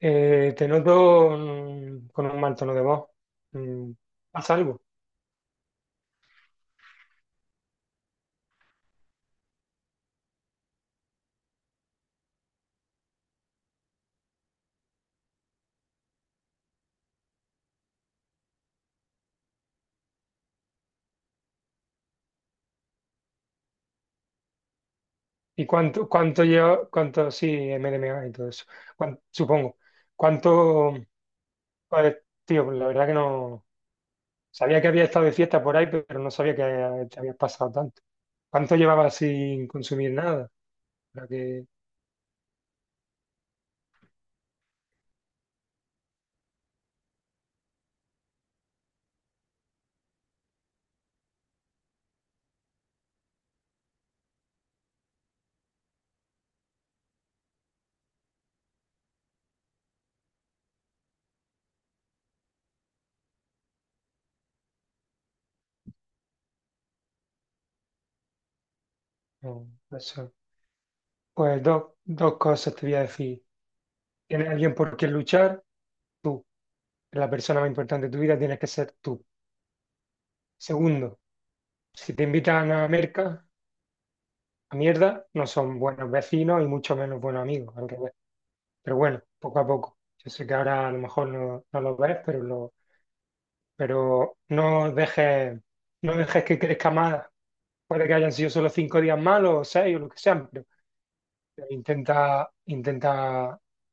Te noto con un mal tono de voz. Mm, ¿Pasa algo? ¿Y cuánto lleva, cuánto, sí, MDMA y todo eso? Supongo. ¿Cuánto, pues, tío? Pues la verdad que no, sabía que había estado de fiesta por ahí, pero no sabía que te habías pasado tanto. ¿Cuánto llevabas sin consumir nada? Para que, no, eso. Pues dos cosas te voy a decir. Tienes alguien por quien luchar, tú. La persona más importante de tu vida tienes que ser tú. Segundo. Si te invitan a merca, a mierda, no son buenos vecinos y mucho menos buenos amigos, al revés. Pero bueno, poco a poco. Yo sé que ahora a lo mejor no lo ves, pero, lo, pero no dejes, no dejes que crezca más. Puede que hayan sido solo cinco días malos o seis o lo que sean, pero intenta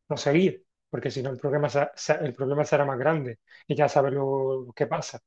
no seguir, porque si no el problema, el problema será más grande y ya sabes lo que pasa.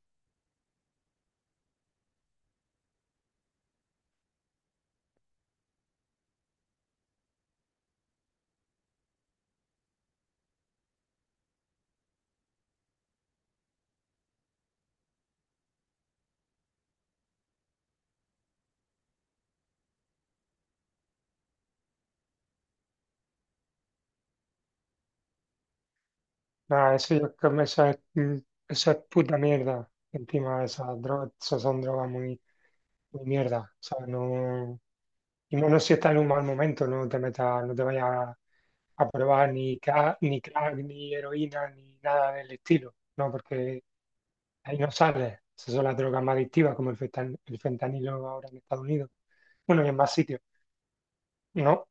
Nada, eso, eso es, eso es puta mierda. Encima esas drogas, esas son drogas muy ni mierda. O sea, no, y menos si estás en un mal momento, no te metas, no te vayas a probar ni crack, ni crack, ni heroína, ni nada del estilo, ¿no? Porque ahí no sales. Esas son las drogas más adictivas, como el el fentanilo ahora en Estados Unidos. Bueno, y en más sitios. No,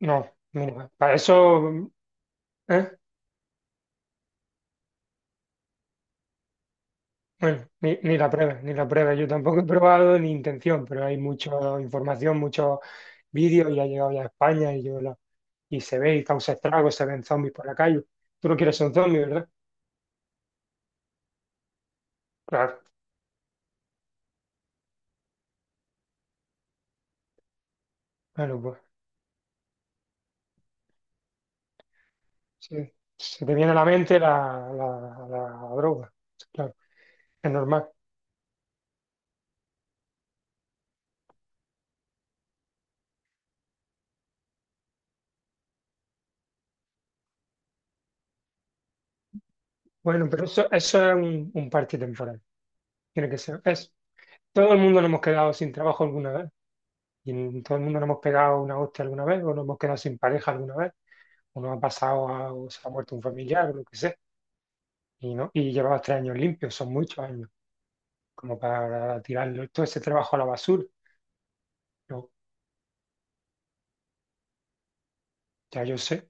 no, Mira, para eso, ¿eh? Bueno, ni la prueba. Yo tampoco he probado ni intención, pero hay mucha información, muchos vídeos y ha llegado ya a España y, y se ve y causa estragos, se ven zombies por la calle. Tú no quieres ser un zombie, ¿verdad? Claro. Bueno, pues sí. Se te viene a la mente la droga. Claro, es normal. Bueno, pero eso es un parche temporal. Tiene que ser. Es, todo el mundo nos hemos quedado sin trabajo alguna vez. Y todo el mundo nos hemos pegado una hostia alguna vez o nos hemos quedado sin pareja alguna vez. Uno ha pasado, o se ha muerto un familiar o lo que sea, y, no, y llevabas tres años limpios, son muchos años, como para tirarlo todo ese trabajo a la basura. Yo, ya yo sé,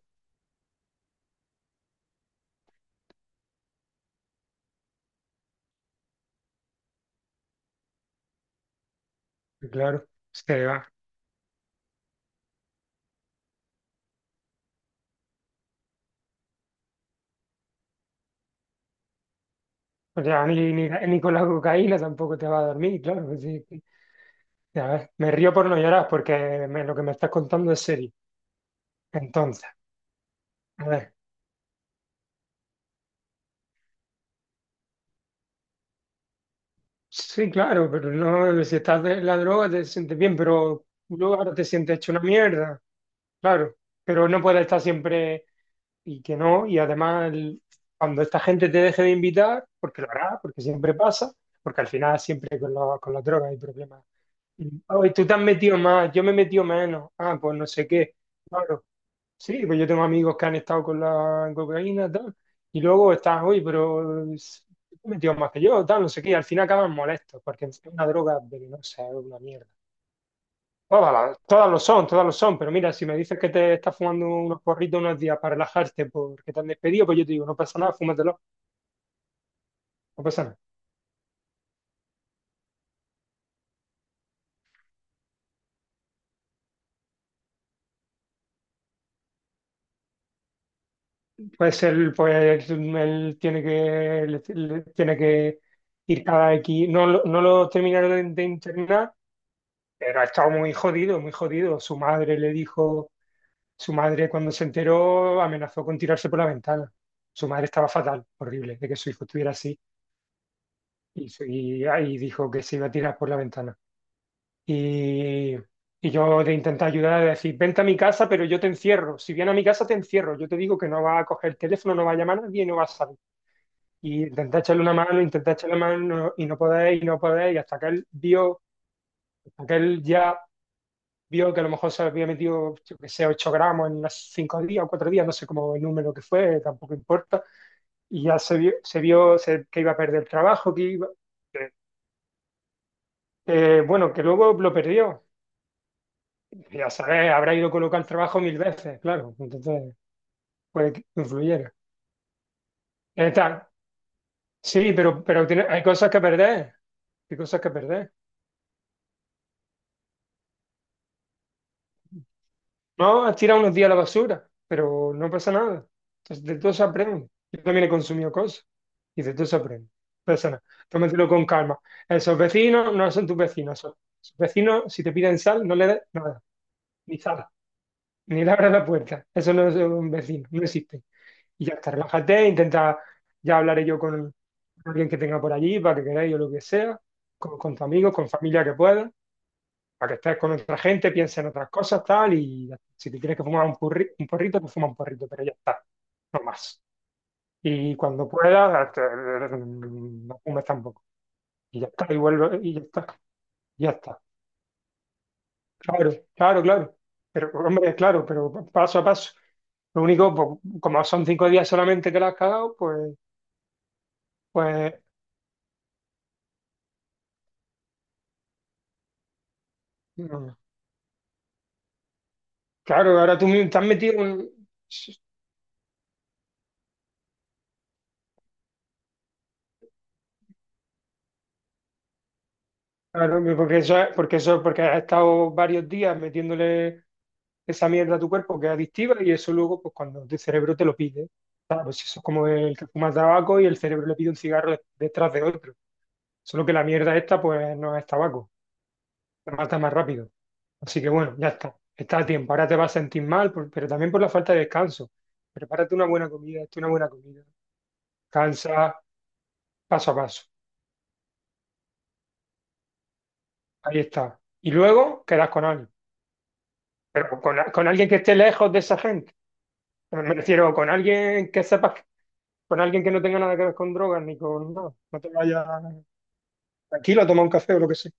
y claro, se va. O sea, ni con la cocaína tampoco te va a dormir, claro. Así que, a ver, me río por no llorar porque lo que me estás contando es serio. Entonces, a ver, sí, claro, pero no, si estás de la droga te sientes bien, pero luego ahora te sientes hecho una mierda, claro, pero no puedes estar siempre y que no, y cuando esta gente te deje de invitar, porque lo hará, porque siempre pasa, porque al final siempre con, con las drogas hay problemas. Y, ay, tú te has metido más, yo me he metido menos, ah, pues no sé qué, claro, sí, pues yo tengo amigos que han estado con la cocaína, tal, y luego estás, hoy, tú te has metido más que yo, tal, no sé qué, y al final acaban molestos, porque es una droga venenosa, es una mierda. Todas, todas lo son, pero mira, si me dices que te estás fumando unos porritos unos días para relajarte porque te han despedido, pues yo te digo, no pasa nada, fúmatelo, no pasa nada. Pues, él tiene que, tiene que ir cada X, no, no lo terminaron de internar, pero ha estado muy jodido, muy jodido. Su madre le dijo, su madre cuando se enteró amenazó con tirarse por la ventana. Su madre estaba fatal, horrible, de que su hijo estuviera así, y, y dijo que se iba a tirar por la ventana. Y, y yo de intentar ayudar, de decir, vente a mi casa, pero yo te encierro. Si viene a mi casa, te encierro. Yo te digo que no va a coger el teléfono, no va a llamar a nadie y no va a salir. Y intenté echarle una mano, intenté echarle una mano y no podéis, y no podéis. Y hasta que él vio, hasta que él ya vio que a lo mejor se había metido, yo que sé, 8 gramos en unos 5 días o 4 días, no sé cómo el número que fue, tampoco importa. Y ya se vio, que iba a perder el trabajo, que iba, que, que, bueno, que luego lo perdió. Ya sabes, habrá ido a colocar el trabajo mil veces, claro. Entonces, puede que influyera. Tal. Sí, pero hay cosas que perder. Hay cosas que perder. No, has tirado unos días a la basura, pero no pasa nada. Entonces, de todo se aprende. Yo también he consumido cosas y de todo se aprende. No pasa nada. Tómatelo con calma. Esos vecinos no son tus vecinos. Esos vecinos, si te piden sal, no le des nada. Ni sal. Ni le abras la puerta. Eso no es un vecino. No existe. Y ya está, relájate, intenta, ya hablaré yo con alguien que tenga por allí, para que queráis o lo que sea, con tus amigos, con familia que puedas, para que estés con otra gente, pienses en otras cosas, tal, y ya. Si te tienes que fumar un, un porrito, pues fuma un porrito, pero ya está, no más. Y cuando puedas, no fumes tampoco. Y ya está, y vuelve, y ya está, ya está. Claro, claro, claro. Pero, hombre, claro, pero paso a paso. Lo único, pues, como son cinco días solamente que la has cagado, pues, pues, mm, claro, ahora te has metido un... Claro, porque porque eso, porque has estado varios días metiéndole esa mierda a tu cuerpo que es adictiva y eso luego, pues cuando tu cerebro te lo pide, claro, pues eso es como el que fuma tabaco y el cerebro le pide un cigarro detrás de otro. Solo que la mierda esta, pues no es tabaco, te mata más rápido. Así que bueno, ya está, está a tiempo. Ahora te vas a sentir mal, pero también por la falta de descanso. Prepárate una buena comida, hazte una buena comida. Cansa paso a paso. Ahí está. Y luego quedas con alguien. Pero con alguien que esté lejos de esa gente. Me refiero con alguien que sepas, con alguien que no tenga nada que ver con drogas ni con nada. No te vayas tranquilo a tomar un café o lo que sea.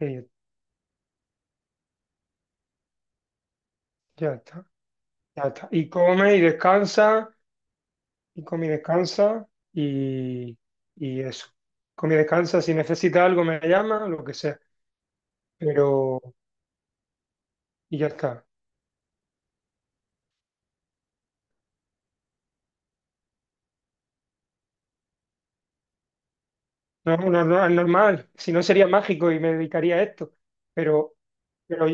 Y ya está, ya está. Y come y descansa, y come y descansa, y, y eso. Come y descansa, si necesita algo me llama, lo que sea. Pero, y ya está. No, es normal. Si no sería mágico y me dedicaría a esto. Pero, pero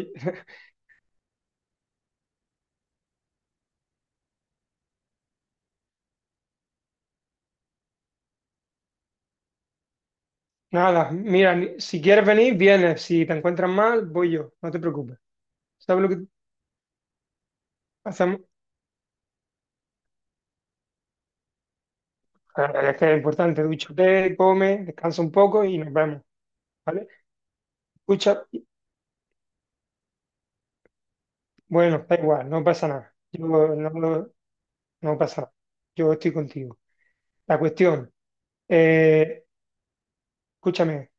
nada, mira, si quieres venir, vienes. Si te encuentras mal, voy yo, no te preocupes. ¿Sabes lo que hacemos? Ah, es que es importante, dúchate, come, descansa un poco y nos vemos, ¿vale? Escucha, bueno, da igual, no pasa nada. Yo no, no, no pasa nada. Yo estoy contigo. La cuestión, eh, escúchame,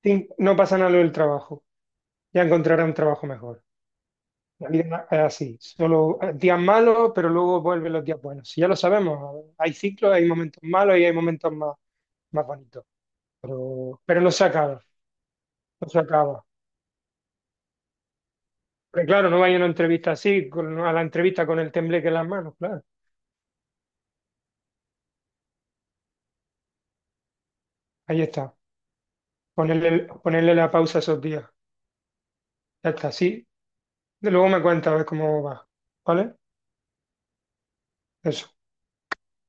no pasa nada lo del trabajo. Ya encontrarás un trabajo mejor. La vida es así, solo días malos, pero luego vuelven los días buenos. Si ya lo sabemos, hay ciclos, hay momentos malos y hay momentos más bonito. Pero no se acaba, no se acaba. Pero claro, no vaya a una entrevista así, a la entrevista con el tembleque en las manos, claro. Ahí está. Ponerle la pausa esos días. Ya está, sí. De luego me cuentas a ver cómo va. ¿Vale? Eso.